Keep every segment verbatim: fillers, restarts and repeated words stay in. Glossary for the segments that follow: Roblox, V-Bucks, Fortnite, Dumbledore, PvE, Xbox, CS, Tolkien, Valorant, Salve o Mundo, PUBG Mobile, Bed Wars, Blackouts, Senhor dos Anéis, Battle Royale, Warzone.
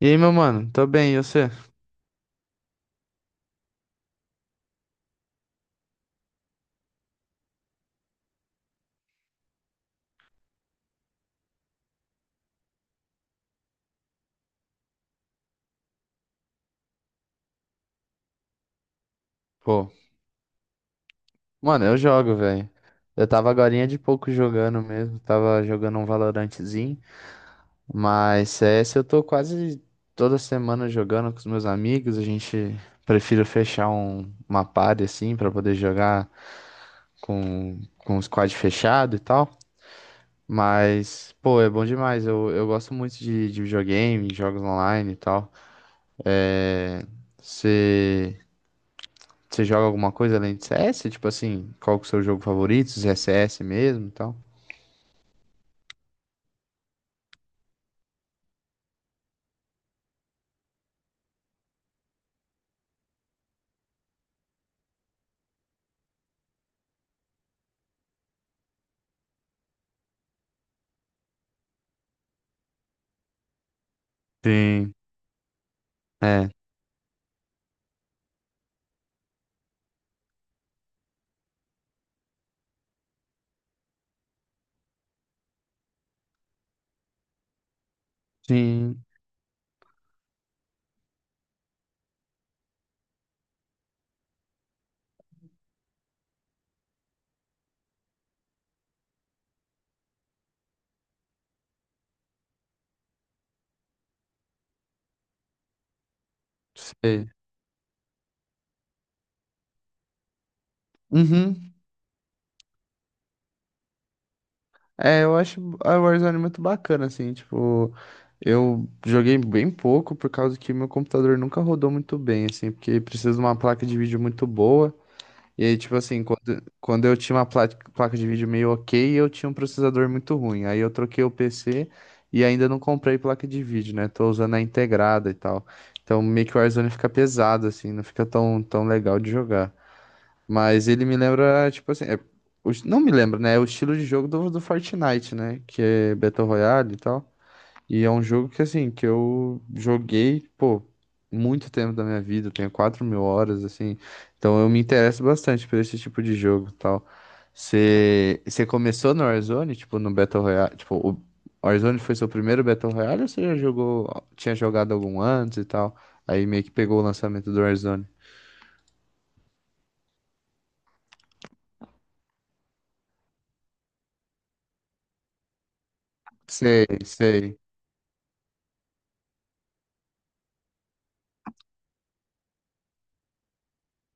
E aí, meu mano? Tô bem, e você? Pô, mano, eu jogo, velho. Eu tava agorinha de pouco jogando mesmo, tava jogando um Valorantezinho, mas C S eu tô quase toda semana jogando com os meus amigos. A gente prefiro fechar um, uma party assim pra poder jogar com, com o squad fechado e tal, mas pô, é bom demais. Eu, eu gosto muito de, de videogame, jogos online e tal. É... Você Você joga alguma coisa além de C S? Tipo assim, qual que é o seu jogo favorito? Se é C S mesmo e tal? Sim. É. Sim. Sei. Uhum. É, eu acho a Warzone muito bacana, assim, tipo, eu joguei bem pouco por causa que meu computador nunca rodou muito bem, assim, porque precisa de uma placa de vídeo muito boa. E aí, tipo assim, quando, quando eu tinha uma pla- placa de vídeo meio ok, eu tinha um processador muito ruim. Aí eu troquei o P C e ainda não comprei placa de vídeo, né? Tô usando a integrada e tal. Então meio que o Warzone fica pesado, assim, não fica tão, tão legal de jogar. Mas ele me lembra, tipo assim, é- o- não me lembra, né? É o estilo de jogo do, do Fortnite, né? Que é Battle Royale e tal. E é um jogo que, assim, que eu joguei, pô, muito tempo da minha vida. Eu tenho quatro mil horas, assim, então eu me interesso bastante por esse tipo de jogo e tal. Você começou no Warzone, tipo, no Battle Royale, tipo, o Warzone foi seu primeiro Battle Royale ou você já jogou, tinha jogado algum antes e tal? Aí meio que pegou o lançamento do Warzone. Sei, sei,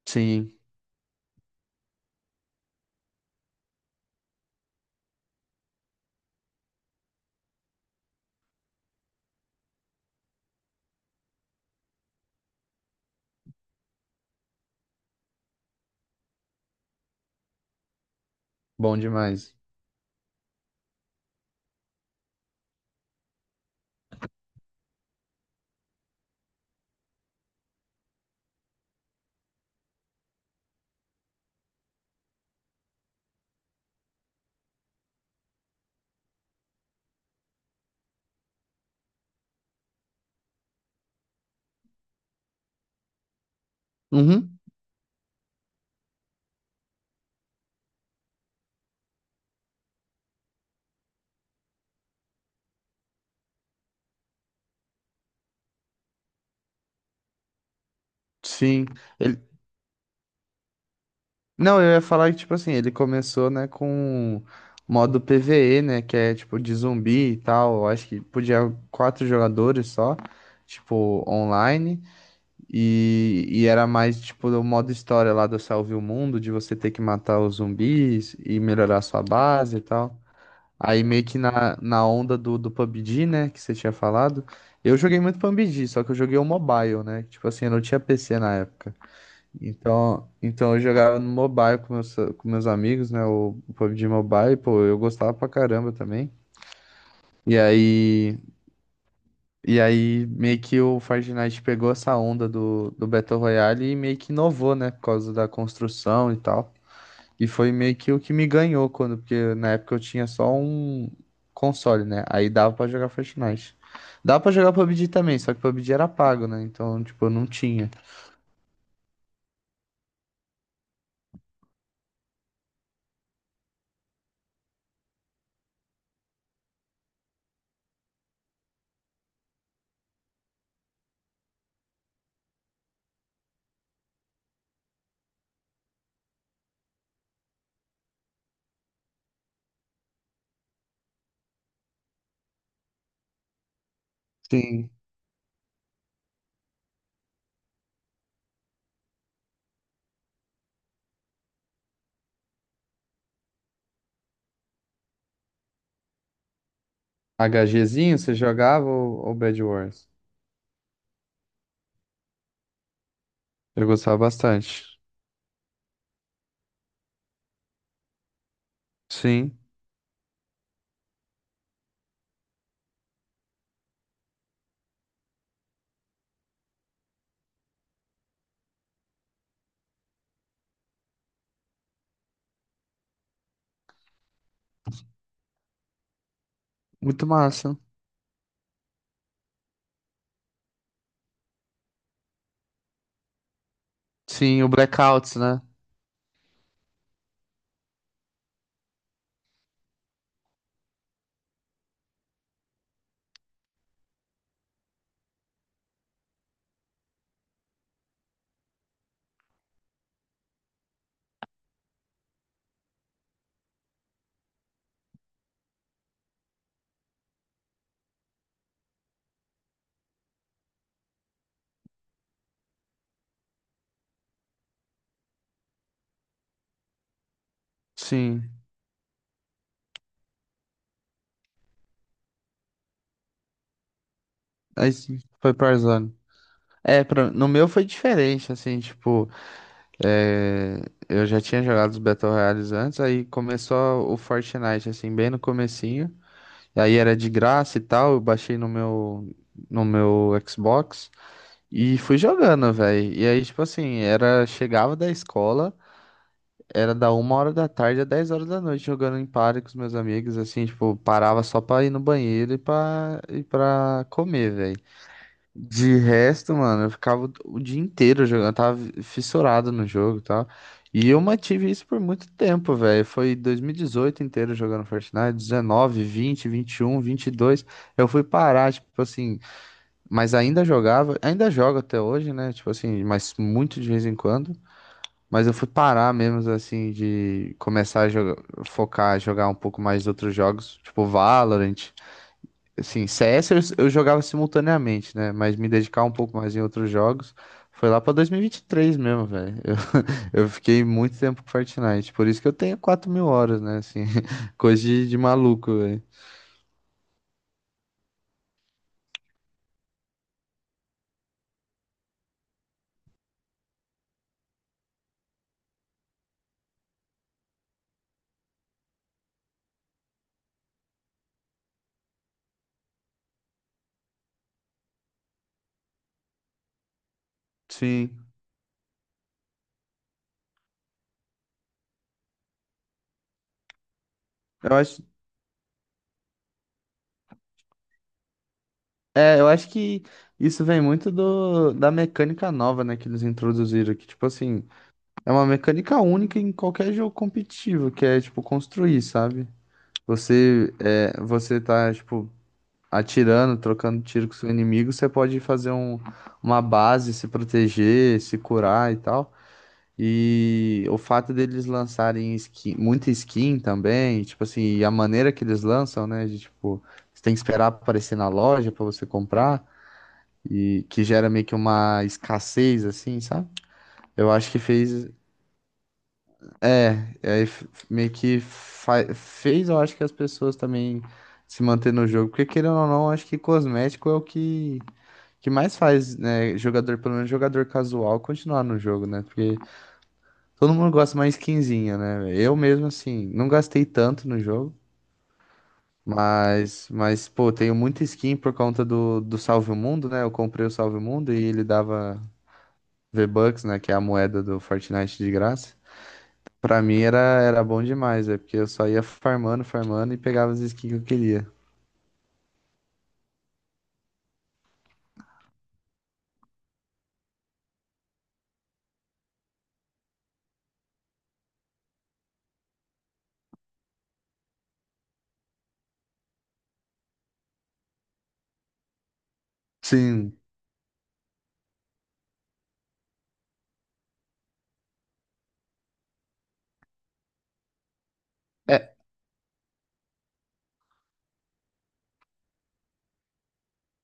sim, bom demais. Uhum. Sim, ele, não, eu ia falar que, tipo assim, ele começou, né, com modo PvE, né, que é, tipo, de zumbi e tal. Eu acho que podia quatro jogadores só, tipo, online. E, e era mais, tipo, o modo história lá do Salve o Mundo, de você ter que matar os zumbis e melhorar sua base e tal. Aí, meio que na, na onda do, do pabg, né, que você tinha falado. Eu joguei muito pabg, só que eu joguei o mobile, né, tipo assim, eu não tinha P C na época. Então, então eu jogava no mobile com meus, com meus amigos, né? O pabg Mobile, pô, eu gostava pra caramba também. E aí, e aí meio que o Fortnite pegou essa onda do, do Battle Royale e meio que inovou, né? Por causa da construção e tal. E foi meio que o que me ganhou quando, porque na época eu tinha só um console, né? Aí dava pra jogar Fortnite. Dava pra jogar pabg também, só que pabg era pago, né? Então, tipo, eu não tinha. Sim. HGzinho, você jogava, ou, ou, Bed Wars? Eu gostava bastante. Sim, muito massa. Sim, o Blackouts, né? Sim. Aí sim, foi Tarzan. É, pra- no meu foi diferente, assim, tipo, é, eu já tinha jogado os Battle Royales antes. Aí começou o Fortnite, assim, bem no comecinho, e aí era de graça e tal. Eu baixei no meu, no meu Xbox e fui jogando, velho. E aí, tipo assim, era, chegava da escola, era da uma hora da tarde a dez horas da noite jogando em party com os meus amigos, assim, tipo, parava só pra ir no banheiro e pra, e pra comer, velho. De resto, mano, eu ficava o o dia inteiro jogando. Eu tava fissurado no jogo e tal. E eu mantive isso por muito tempo, velho. Foi dois mil e dezoito inteiro jogando Fortnite, dezenove, vinte, vinte e um, vinte e dois. Eu fui parar, tipo assim, mas ainda jogava, ainda jogo até hoje, né? Tipo assim, mas muito de vez em quando. Mas eu fui parar mesmo, assim, de começar a jogar, focar, jogar um pouco mais outros jogos, tipo Valorant. Assim, C S eu, eu jogava simultaneamente, né? Mas me dedicar um pouco mais em outros jogos foi lá pra dois mil e vinte e três mesmo, velho. Eu, eu fiquei muito tempo com Fortnite, por isso que eu tenho quatro mil horas, né? Assim, coisa de, de maluco, velho. Sim, eu acho, é, eu acho que isso vem muito do, da mecânica nova, né, que eles introduziram, que, tipo assim, é uma mecânica única em qualquer jogo competitivo, que é, tipo, construir, sabe? Você, é, você tá, tipo, atirando, trocando tiro com seu inimigo. Você pode fazer um, uma base, se proteger, se curar e tal. E o fato deles lançarem skin, muita skin também, tipo assim, e a maneira que eles lançam, né? De, tipo, você tem que esperar aparecer na loja pra você comprar, e que gera meio que uma escassez, assim, sabe? Eu acho que fez. É, e aí f- meio que fa- fez, eu acho, que as pessoas também se manter no jogo, porque querendo ou não, acho que cosmético é o que, que mais faz, né, jogador, pelo menos jogador casual, continuar no jogo, né? Porque todo mundo gosta mais skinzinha, né? Eu mesmo, assim, não gastei tanto no jogo, mas, mas pô, tenho muita skin por conta do, do Salve o Mundo, né? Eu comprei o Salve o Mundo e ele dava V-Bucks, né, que é a moeda do Fortnite de graça. Pra mim era, era bom demais, é porque eu só ia farmando, farmando e pegava as skins que eu queria. Sim. É,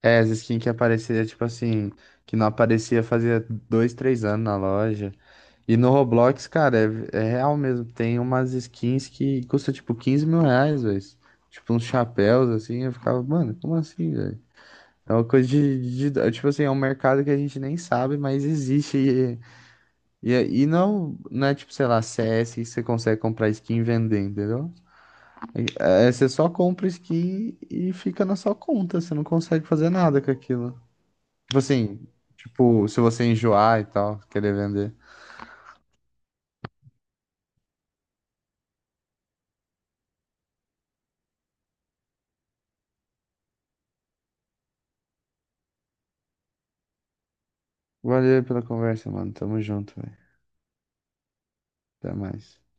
é, as skins que aparecia, tipo assim, que não aparecia fazia dois, três anos na loja. E no Roblox, cara, é, é real mesmo. Tem umas skins que custam tipo quinze mil reais, velho. Tipo uns chapéus, assim. Eu ficava, mano, como assim, velho? É uma coisa de, de- tipo assim, é um mercado que a gente nem sabe, mas existe. E, e, e não, não é tipo, sei lá, C S que você consegue comprar skin e vender, entendeu? É, é, você só compra skin e fica na sua conta. Você não consegue fazer nada com aquilo. Tipo assim, tipo, se você enjoar e tal, querer vender. Valeu pela conversa, mano. Tamo junto, velho. Até mais.